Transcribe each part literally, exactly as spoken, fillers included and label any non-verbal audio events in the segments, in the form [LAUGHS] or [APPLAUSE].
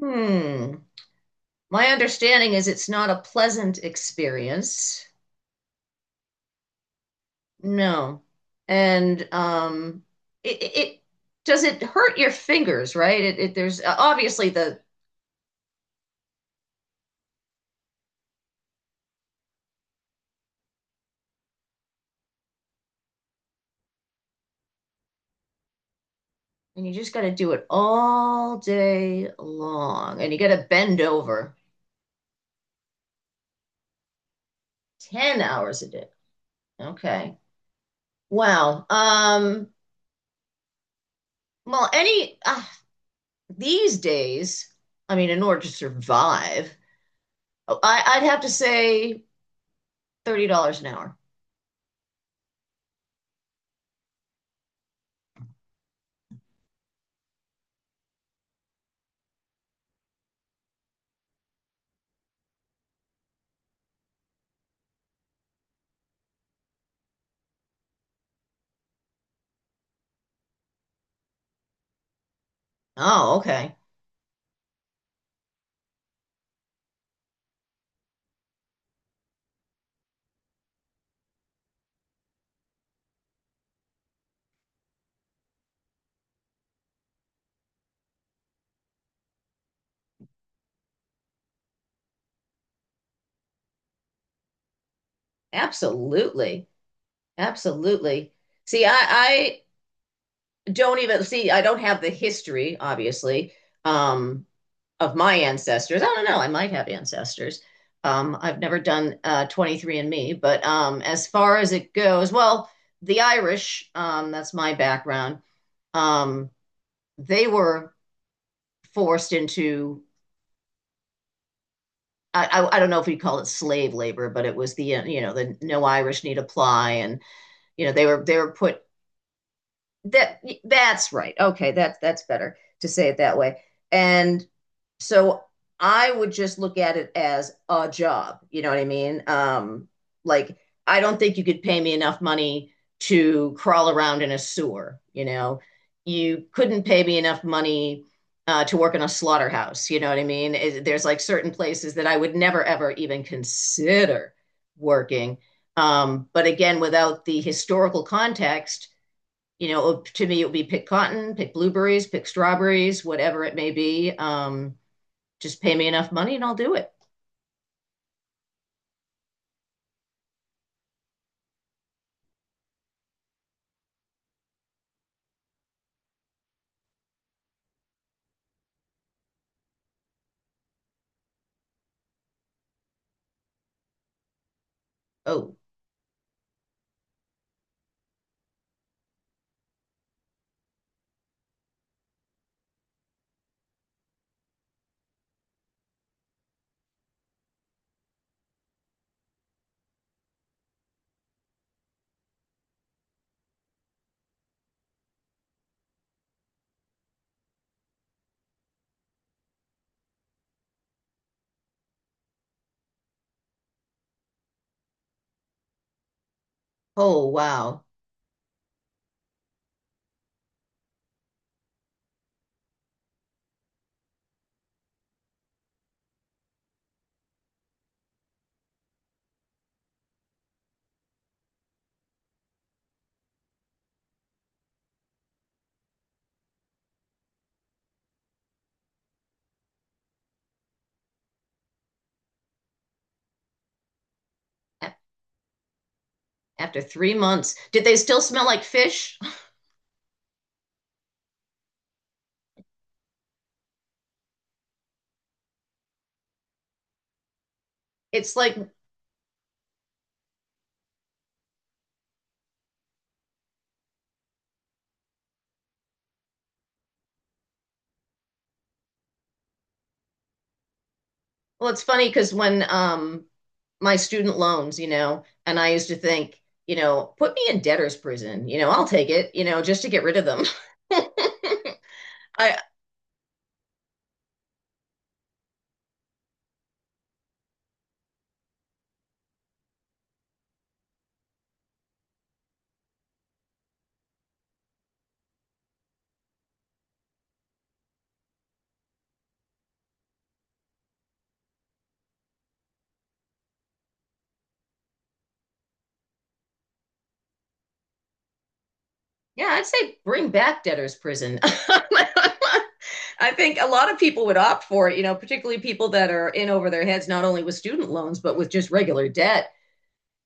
Hmm. My understanding is it's not a pleasant experience. No. And um it, it it- does it hurt your fingers, right? It, it there's uh, obviously the and you just got to do it all day long and you got to bend over ten hours a day. Okay. Wow. Um well any uh, these days, I mean, in order to survive, oh, I I'd have to say thirty dollars an hour. Oh, okay. Absolutely. Absolutely. See, I, I don't even see, I don't have the history, obviously, um, of my ancestors. I don't know. I might have ancestors. Um, I've never done uh, twenty-three and Me, but um, as far as it goes, well, the Irish, um, that's my background, um, they were forced into, I, I, I don't know if we call it slave labor, but it was the, uh, you know, the no Irish need apply. And, you know, they were, they were put. That that's right. Okay, that's that's better to say it that way. And so I would just look at it as a job. You know what I mean? Um, like I don't think you could pay me enough money to crawl around in a sewer. You know, you couldn't pay me enough money uh, to work in a slaughterhouse. You know what I mean? It- there's like certain places that I would never ever even consider working. Um, but again, without the historical context, you know, to me, it would be pick cotton, pick blueberries, pick strawberries, whatever it may be. Um, just pay me enough money and I'll do it. Oh, oh, wow. After three months, did they still smell like fish? [LAUGHS] It's like, well, it's funny because when um, my student loans, you know, and I used to think, you know, put me in debtor's prison, you know, I'll take it, you know, just to get rid of them. [LAUGHS] I, yeah, I'd say bring back debtor's prison. [LAUGHS] I think a lot of people would opt for it, you know, particularly people that are in over their heads, not only with student loans, but with just regular debt,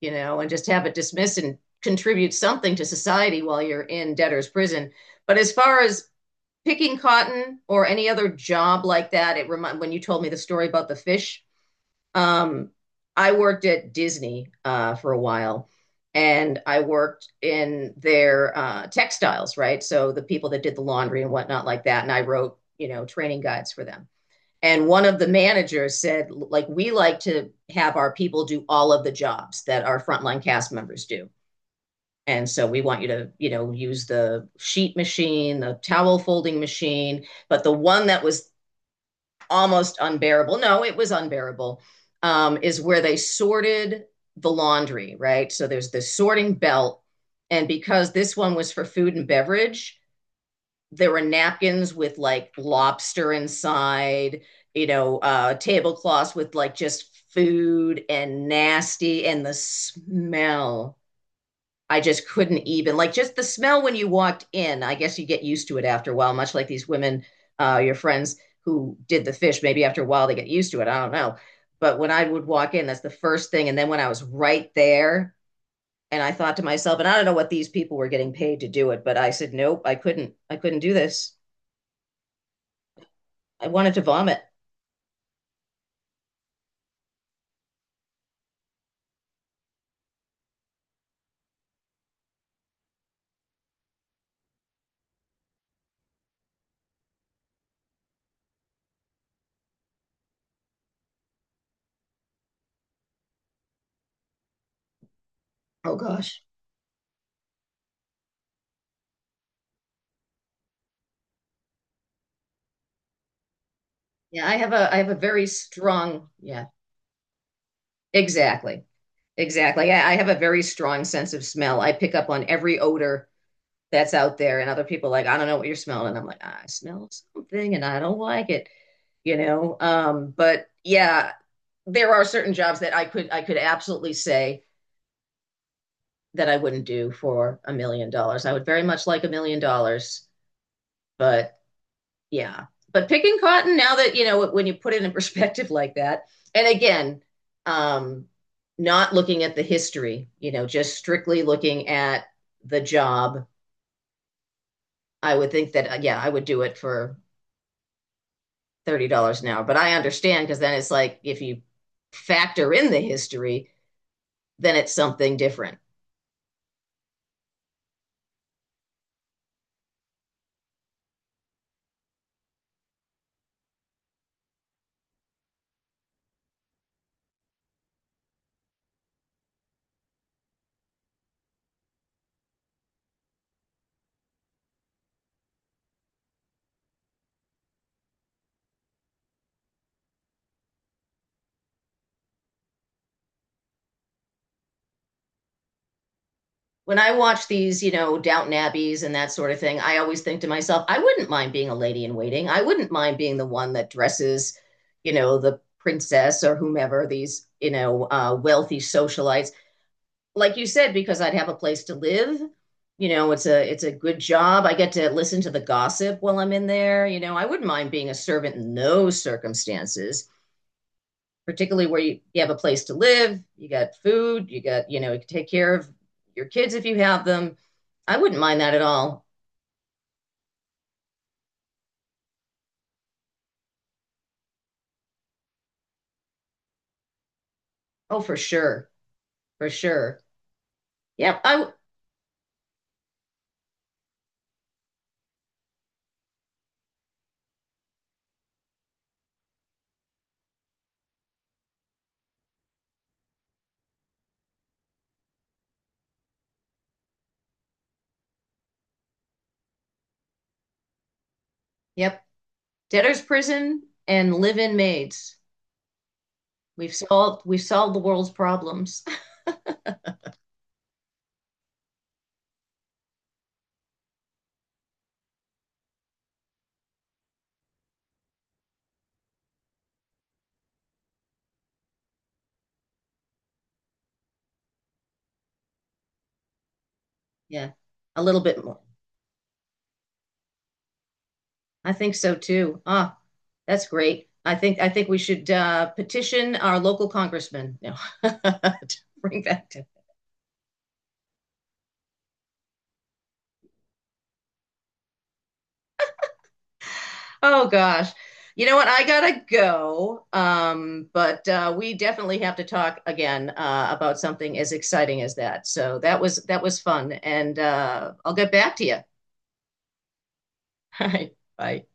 you know, and just have it dismissed and contribute something to society while you're in debtor's prison. But as far as picking cotton or any other job like that, it remind when you told me the story about the fish. Um, I worked at Disney uh, for a while, and I worked in their uh, textiles, right? So the people that did the laundry and whatnot like that, and I wrote, you know, training guides for them. And one of the managers said, like, we like to have our people do all of the jobs that our frontline cast members do. And so we want you to, you know, use the sheet machine, the towel folding machine. But the one that was almost unbearable, no, it was unbearable, um, is where they sorted the laundry, right? So there's the sorting belt. And because this one was for food and beverage, there were napkins with like lobster inside, you know, uh, tablecloths with like just food and nasty and the smell. I just couldn't even like just the smell when you walked in. I guess you get used to it after a while, much like these women, uh, your friends who did the fish. Maybe after a while they get used to it. I don't know. But when I would walk in, that's the first thing. And then when I was right there, and I thought to myself, and I don't know what these people were getting paid to do it, but I said, nope, I couldn't. I couldn't do this. I wanted to vomit. Oh gosh. Yeah, I have a I have a very strong, yeah, exactly. Exactly. I, I have a very strong sense of smell. I pick up on every odor that's out there, and other people are like, I don't know what you're smelling. And I'm like, I smell something and I don't like it, you know. Um, but yeah, there are certain jobs that I could I could absolutely say that I wouldn't do for a million dollars. I would very much like a million dollars, but yeah. But picking cotton, now that you know when you put it in [LAUGHS] perspective like that, and again, um, not looking at the history, you know, just strictly looking at the job, I would think that uh, yeah, I would do it for thirty dollars an hour. But I understand, because then it's like if you factor in the history, then it's something different. When I watch these, you know, Downton Abbeys and that sort of thing, I always think to myself, I wouldn't mind being a lady in waiting. I wouldn't mind being the one that dresses, you know, the princess or whomever these, you know, uh, wealthy socialites like you said, because I'd have a place to live. You know, it's a it's a good job. I get to listen to the gossip while I'm in there. You know, I wouldn't mind being a servant in those circumstances, particularly where you, you have a place to live, you got food, you got, you know, you can take care of your kids if you have them. I wouldn't mind that at all. Oh, for sure. For sure. Yep. I yep. Debtor's prison and live-in maids. We've solved we've solved the world's problems. [LAUGHS] Yeah. A little bit more. I think so too. Ah, that's great. I think I think we should uh, petition our local congressman. No, [LAUGHS] to bring back to. Oh gosh, you know what? I gotta go. Um, but uh, we definitely have to talk again uh, about something as exciting as that. So that was that was fun, and uh, I'll get back to you. [LAUGHS] All right, bye.